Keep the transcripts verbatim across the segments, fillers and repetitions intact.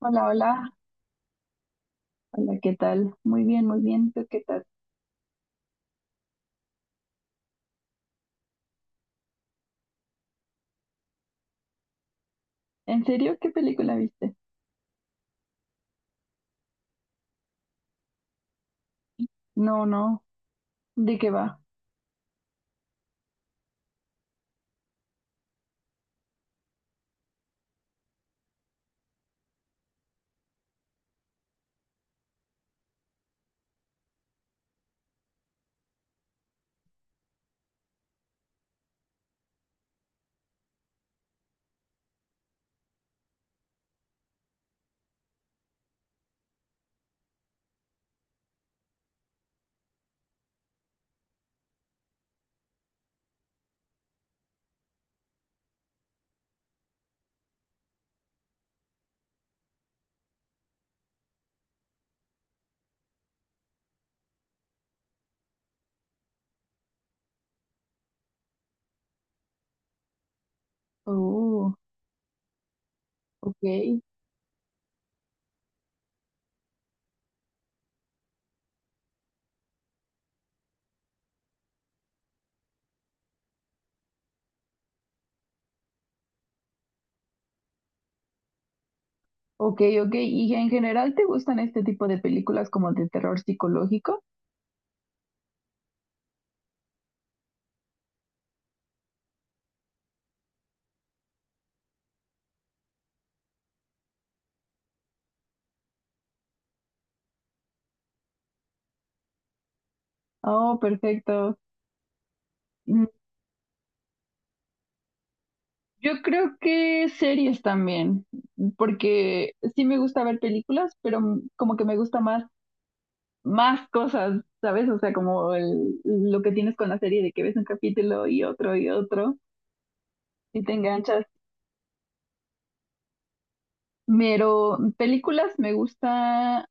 Hola, hola. Hola, ¿qué tal? Muy bien, muy bien. ¿Tú qué tal? ¿En serio? ¿Qué película viste? No, no. ¿De qué va? Oh, ok. Ok, ok. ¿Y en general te gustan este tipo de películas como de terror psicológico? Oh, perfecto. Yo creo que series también, porque sí me gusta ver películas, pero m- como que me gusta más, más cosas, ¿sabes? O sea, como el- lo que tienes con la serie de que ves un capítulo y otro y otro y te enganchas. Pero películas me gusta,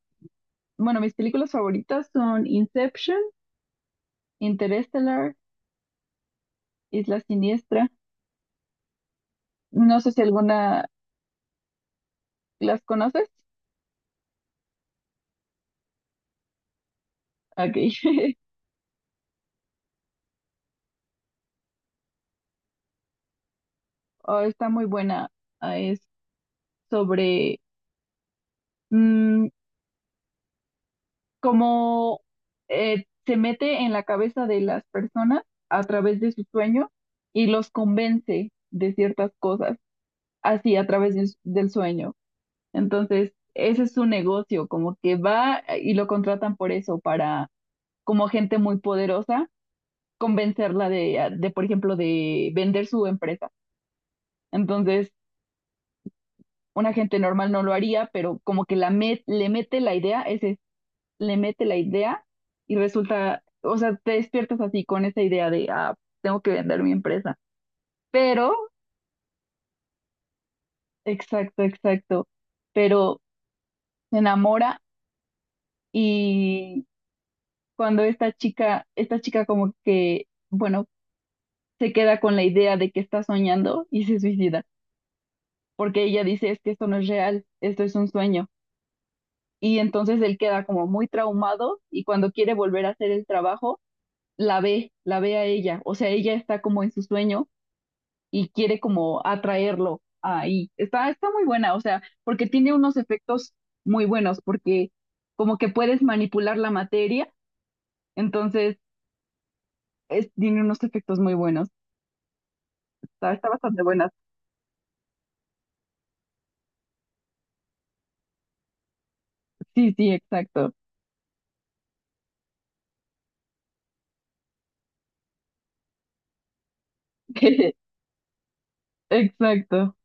bueno, mis películas favoritas son Inception, Interstellar, Isla Siniestra. No sé si alguna las conoces. Ok. Oh, está muy buena. Ah, es sobre... mm, como eh, se mete en la cabeza de las personas a través de su sueño y los convence de ciertas cosas, así a través de- del sueño. Entonces, ese es su negocio, como que va eh, y lo contratan por eso, para como gente muy poderosa, convencerla de, ah, de, por ejemplo, de vender su empresa. Entonces, una gente normal no lo haría, pero como que la met- le mete la idea, ese le mete la idea y resulta, o sea, te despiertas así con esa idea de, ah, tengo que vender mi empresa. Pero, exacto, exacto, pero se enamora y cuando esta chica, esta chica como que, bueno, se queda con la idea de que está soñando y se suicida, porque ella dice, es que esto no es real, esto es un sueño. Y entonces él queda como muy traumado y cuando quiere volver a hacer el trabajo, la ve, la ve a ella, o sea, ella está como en su sueño y quiere como atraerlo ahí. Está, está muy buena, o sea, porque tiene unos efectos muy buenos, porque como que puedes manipular la materia, entonces es- tiene unos efectos muy buenos. Está, está bastante buena. Sí, sí, exacto. Exacto.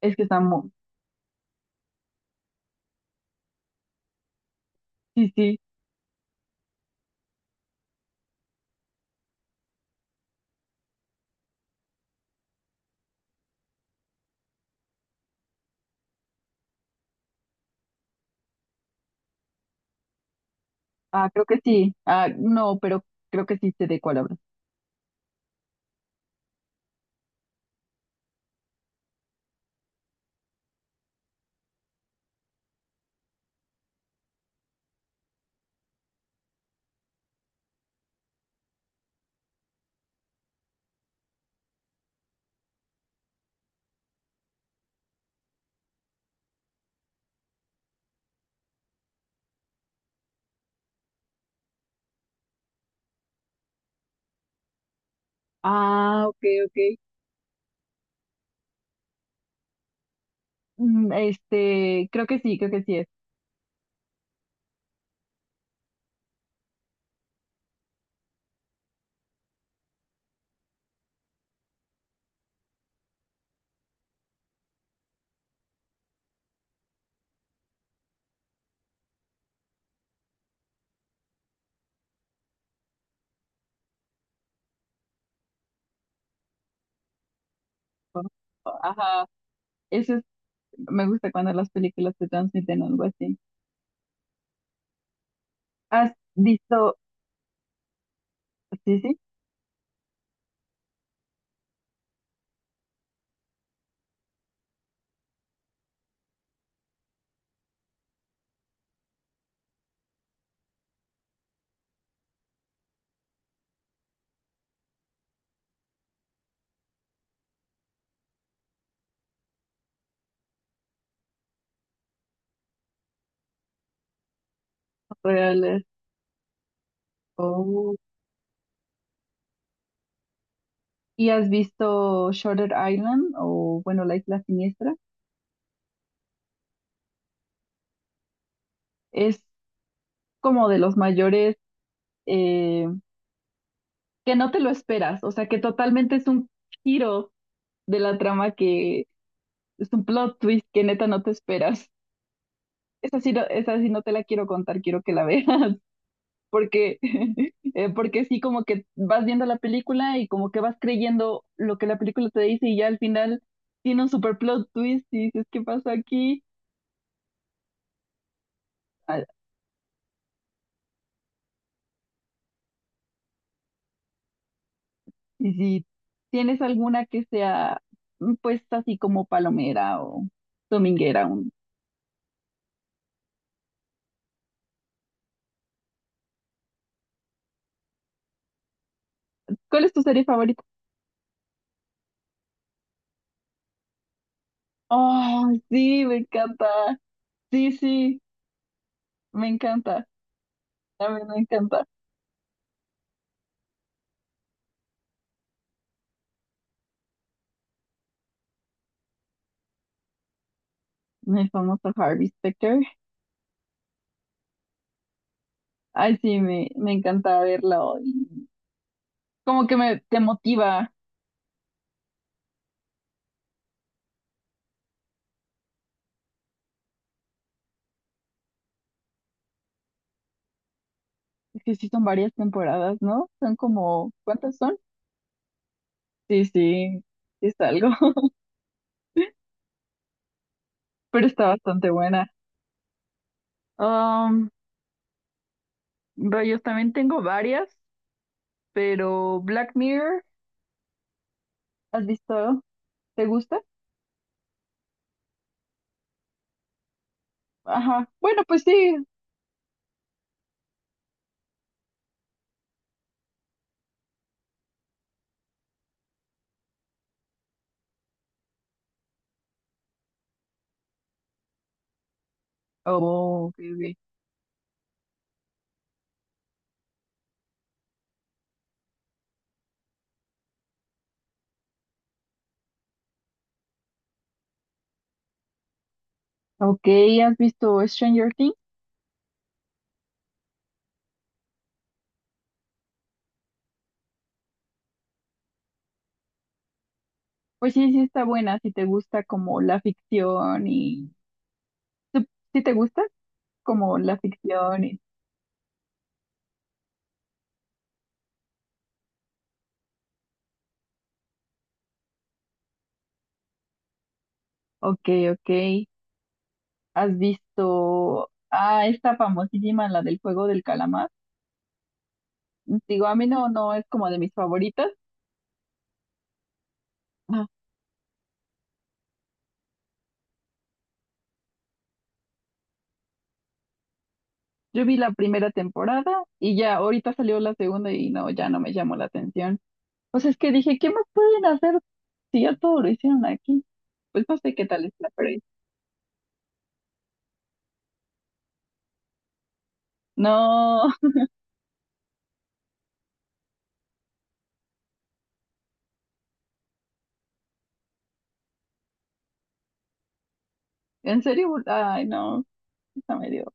Es que está muy... Sí, sí. Ah, creo que sí. Ah, no, pero creo que sí sé de cuál hablas. Ah, ok, ok. Mm, Este, creo que sí, creo que sí es. Ajá. Eso me gusta cuando las películas te transmiten algo así. ¿Has visto? Sí, sí, ¿reales? Oh. ¿Y has visto Shutter Island o, bueno, La Isla Siniestra? Es como de los mayores eh, que no te lo esperas, o sea, que totalmente es un giro de la trama que es un plot twist que neta no te esperas. Esa sí, no- esa sí no te la quiero contar, quiero que la veas. Porque, eh, porque sí, como que vas viendo la película y como que vas creyendo lo que la película te dice y ya al final tiene un super plot twist y dices, ¿qué pasó aquí? Ah, y si tienes alguna que sea, mm, pues así como palomera o dominguera, un- ¿cuál es tu serie favorita? Oh, sí, me encanta. Sí, sí, me encanta. A mí me encanta. El famoso Harvey Specter. Ay, sí, me, me encanta verlo. Y como que me, te motiva. Es que sí son varias temporadas, ¿no? Son como, ¿cuántas son? Sí, sí, sí es algo, pero está bastante buena. Um, rayos, también tengo varias, pero Black Mirror, ¿has visto? ¿Te gusta? Ajá, bueno, pues sí. Oh, ok, ok. Ok, ¿has visto Stranger Things? Pues sí, sí está buena, si te gusta como la ficción y... ¿Tú- ¿Sí te gusta? Como la ficción y... Ok, ok. ¿Has visto a esta famosísima, la del juego del calamar? Digo, a mí no, no es como de mis favoritas. Ah, yo vi la primera temporada y ya, ahorita salió la segunda y no, ya no me llamó la atención. Pues es que dije, ¿qué más pueden hacer si ya todo lo hicieron aquí? Pues no sé qué tal está, pero no, en serio, ay, no, está medio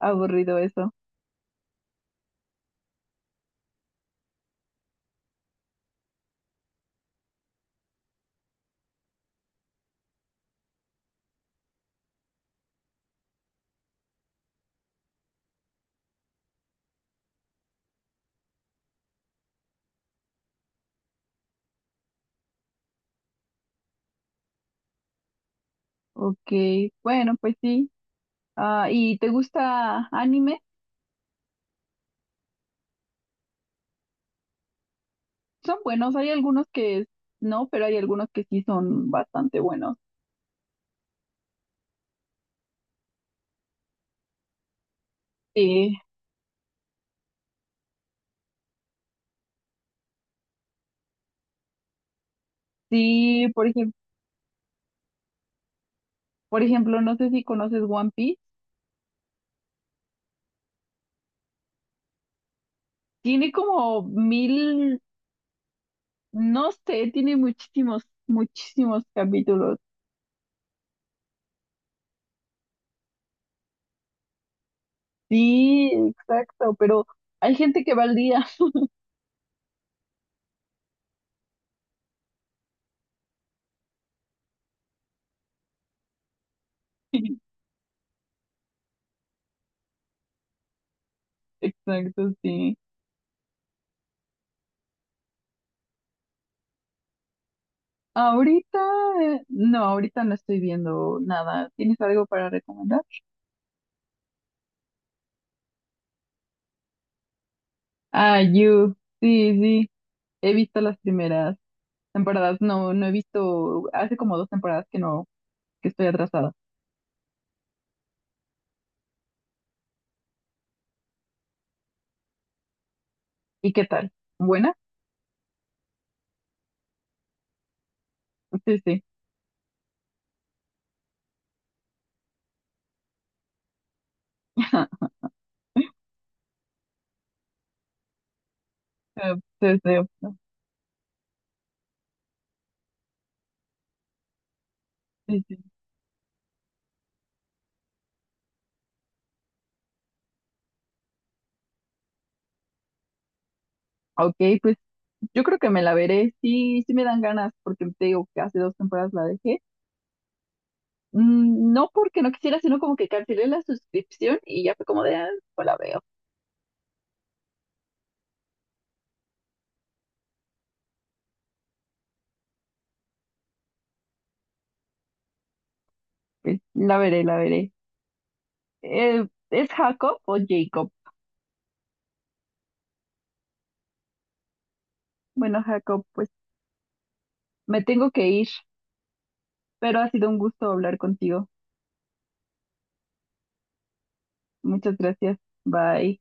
aburrido eso. Ok, bueno, pues sí. Ah, ¿y te gusta anime? Son buenos, hay algunos que no, pero hay algunos que sí son bastante buenos. Sí, sí, por ejemplo, por ejemplo, no sé si conoces One Piece. Tiene como mil, no sé, tiene muchísimos, muchísimos capítulos. Sí, exacto, pero hay gente que va al día. Exacto, sí. Ahorita, eh, no, ahorita no estoy viendo nada. ¿Tienes algo para recomendar? Ah, You, sí, sí, he visto las primeras temporadas. No, no he visto, hace como dos temporadas que no, que estoy atrasada. ¿Y qué tal? ¿Buena? Sí, sí. Eh, Sí, sí. Sí, sí. Ok, pues yo creo que me la veré. Sí, sí me dan ganas, porque te digo que hace dos temporadas la dejé. Mm, No porque no quisiera, sino como que cancelé la suscripción y ya fue como de, ah, pues la veo. Pues la veré, la veré. Eh, ¿es Jacob o Jacob? Bueno, Jacob, pues me tengo que ir, pero ha sido un gusto hablar contigo. Muchas gracias. Bye.